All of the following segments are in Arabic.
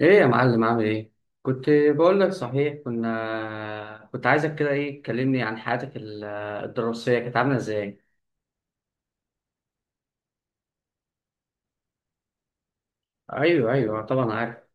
ايه يا معلم عامل ايه؟ كنت بقول لك صحيح، كنت عايزك كده، ايه تكلمني عن حياتك الدراسيه كانت عامله ازاي؟ ايوه ايوه طبعا عارف.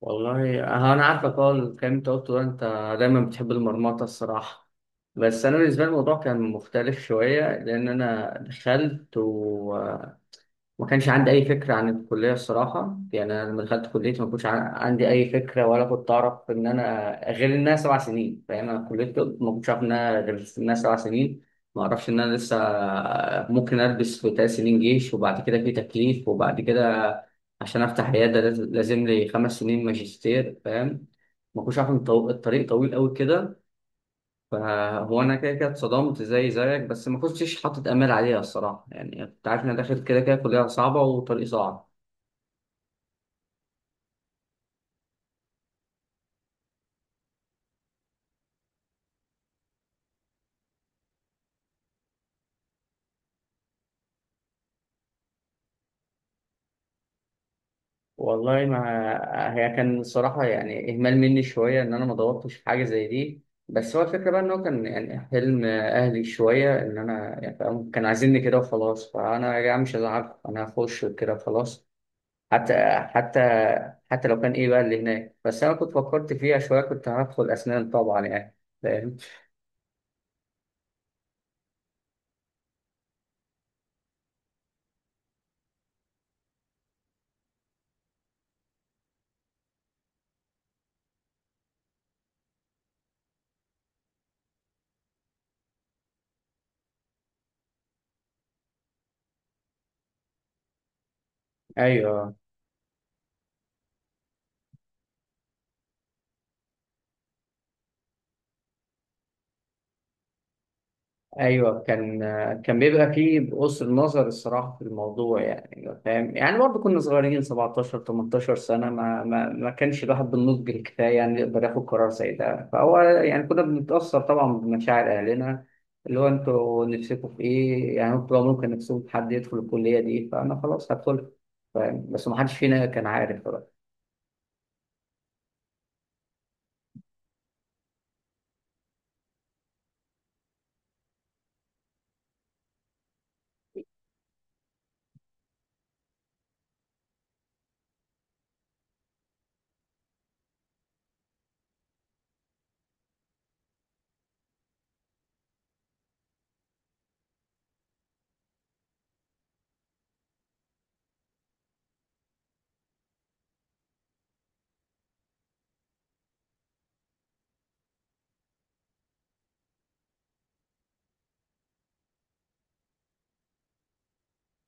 والله انا عارفك. اه الكلام اللي انت قلته ده، انت دايما بتحب المرمطه الصراحه. بس انا بالنسبه لي الموضوع كان مختلف شويه، لان انا دخلت ما كانش عندي أي فكرة عن الكلية الصراحة. يعني أنا لما دخلت كليتي ما كنتش عن- عندي أي فكرة، ولا كنت أعرف إن أنا غير إنها 7 سنين. فاهم؟ أنا كلية طب ما كنتش عارف إنها غير إنها 7 سنين. ما أعرفش إن أنا لسه ممكن ألبس في 3 سنين جيش، وبعد كده في تكليف، وبعد كده عشان أفتح عيادة لازم لي 5 سنين ماجستير. فاهم؟ ما كنتش عارف إن الطريق طويل أوي كده. فهو انا كده كده اتصدمت زي زيك، بس ما كنتش حاطط امال عليها الصراحه. يعني كنت عارف ان انا داخل كده كده كليه صعبه وطريق صعب. والله ما هي كان الصراحه يعني اهمال مني شويه ان انا ما دورتش في حاجه زي دي. بس هو الفكره بقى ان هو كان يعني حلم اهلي شويه ان انا، يعني فاهم، كان عايزيني كده وخلاص. فانا يا جماعه مش هزعل، انا هخش كده وخلاص. حتى حتى حتى لو كان ايه بقى اللي هناك. بس انا كنت فكرت فيها شويه، كنت هدخل اسنان طبعا يعني. فاهم؟ ايوه ايوه كان كان بيبقى فيه بقصر نظر الصراحه في الموضوع يعني. فاهم؟ يعني برضه كنا صغيرين 17 18 سنه، ما كانش الواحد بالنضج الكفايه يعني يقدر ياخد قرار زي ده. فهو يعني كنا بنتاثر طبعا بمشاعر اهلنا، اللي هو انتوا نفسكم في ايه، يعني انتوا لو ممكن نفسكم في حد يدخل الكليه دي فانا خلاص هدخل. فاهم؟ بس ما حدش فينا كان عارف بقى.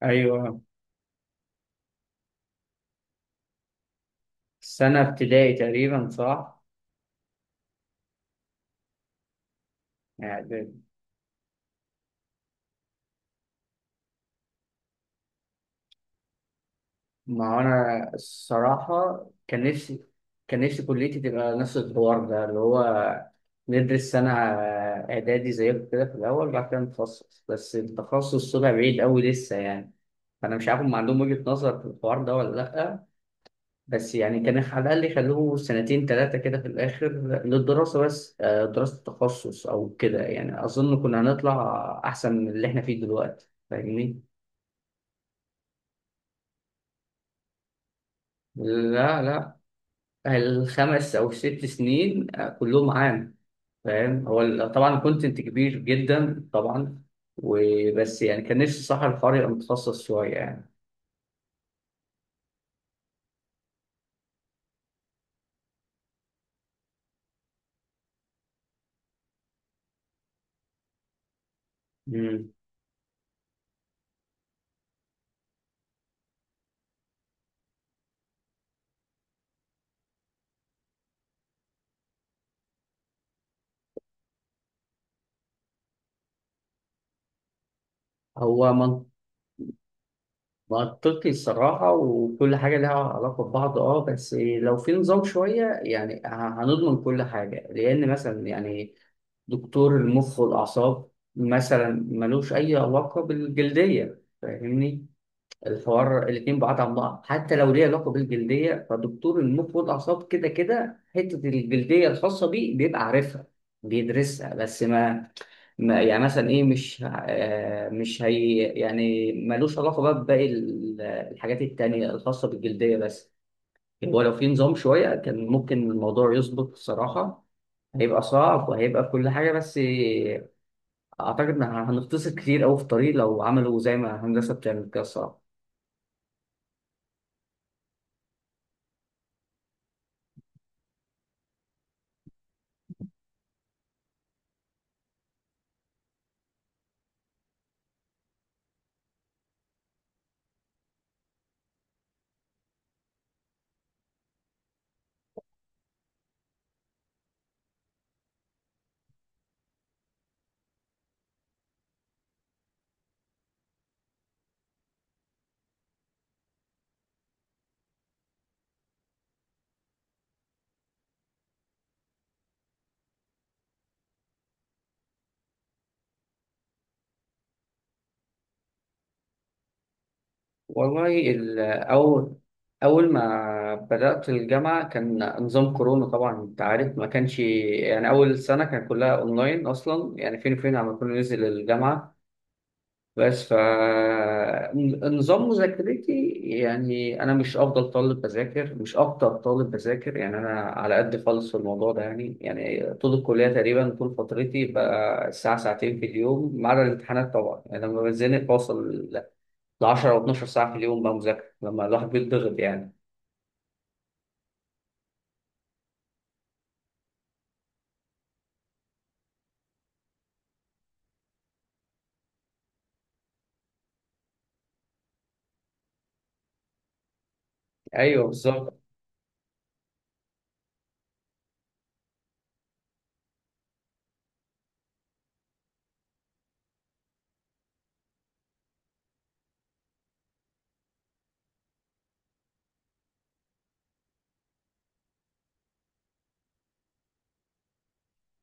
ايوه، سنه ابتدائي تقريبا صح؟ يعني ما هو انا الصراحه كان نفسي، كان نفسي كليتي تبقى نفس الحوار ده اللي هو ندرس سنه اعدادي زيكم كده في الاول، بعد كده نتخصص. بس التخصص طلع بعيد قوي لسه يعني. فانا مش عارف هم عندهم وجهه نظر في الحوار ده ولا لا. بس يعني كان على الاقل يخلوه سنتين 3 كده في الاخر للدراسه بس دراسه التخصص او كده يعني. اظن كنا هنطلع احسن من اللي احنا فيه دلوقتي. فاهمني؟ لا لا، ال5 او ال6 سنين كلهم عام. فاهم؟ طبعا كونتنت كبير جدا طبعا. وبس يعني كان نفسي صح الحوار يبقى متخصص شويه يعني. مم. هو من- منطقي الصراحه، وكل حاجه لها علاقه ببعض اه. بس لو في نظام شويه يعني هنضمن كل حاجه. لان مثلا يعني دكتور المخ والاعصاب مثلا ملوش اي علاقه بالجلديه. فاهمني؟ الحوار الاتنين بعاد عن بعض، حتى لو ليه علاقة بالجلدية فدكتور المخ والأعصاب كده كده حتة الجلدية الخاصة بيه بيبقى عارفها بيدرسها. بس ما, ما يعني مثلا إيه، مش هي يعني ملوش علاقة بقى بباقي الحاجات التانية الخاصة بالجلدية بس. يعني هو لو في نظام شوية كان ممكن الموضوع يظبط الصراحة. هيبقى صعب وهيبقى كل حاجة، بس أعتقد إن هنختصر كتير أوي في الطريق لو عملوا زي ما هندسة بتعمل كده الصراحة. أول أول ما بدأت الجامعة كان نظام كورونا طبعا، أنت عارف. ما كانش يعني، أول سنة كان كلها أونلاين أصلا يعني، فين وفين على كنا ننزل الجامعة. بس فنظام مذاكرتي يعني أنا مش أفضل طالب بذاكر، مش أكتر طالب بذاكر يعني. أنا على قد خالص في الموضوع ده يعني. يعني طول الكلية تقريبا طول فترتي بقى ساعة ساعتين في اليوم، ما عدا الامتحانات طبعا يعني. لما بتزنق بوصل 10 او 12 ساعه في اليوم بقى مذاكره لما الواحد بيتضغط يعني. ايوه بالظبط.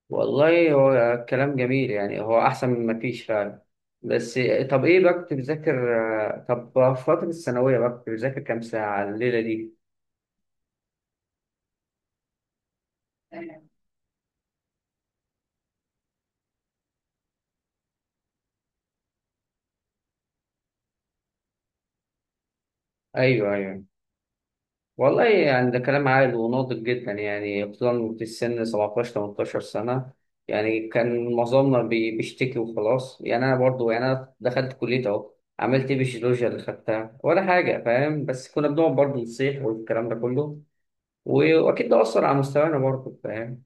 والله هو كلام جميل يعني، هو احسن من ما فيش فعلا. بس طب ايه بقى كنت بتذاكر طب في فتره الثانويه بقى كنت بتذاكر كام ساعه الليله دي؟ ايوه ايوه. والله يعني ده كلام عاقل وناضج جدا يعني، خصوصا في السن 17 18 سنة. يعني كان معظمنا بيشتكي وخلاص يعني. أنا برضو يعني، أنا دخلت كلية أهو، عملت إيه بالجيولوجيا اللي خدتها ولا حاجة. فاهم؟ بس كنا بنقعد برضو نصيح والكلام ده كله، وأكيد ده أثر على مستوانا برضو. فاهم؟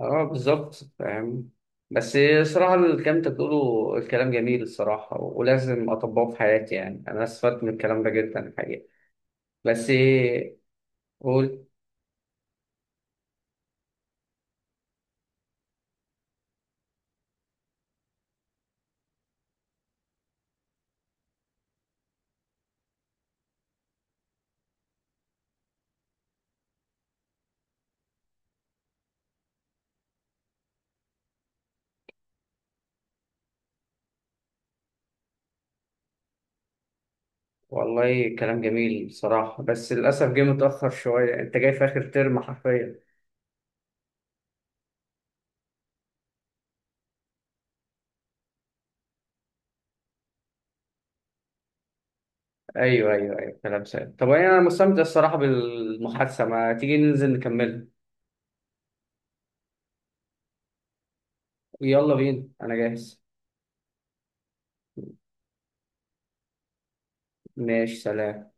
أه بالظبط. فاهم؟ بس صراحة الكلام أنت بتقوله الكلام جميل الصراحة، ولازم أطبقه في حياتي. يعني أنا استفدت من الكلام ده جدا الحقيقة. بس قول. والله كلام جميل بصراحة، بس للأسف جه متأخر شوية، أنت جاي في آخر ترم حرفيا. أيوه أيوه أيوه كلام سهل. طب أنا مستمتع الصراحة بالمحادثة، ما تيجي ننزل نكملها؟ يلا بينا أنا جاهز. ماشي، سلام.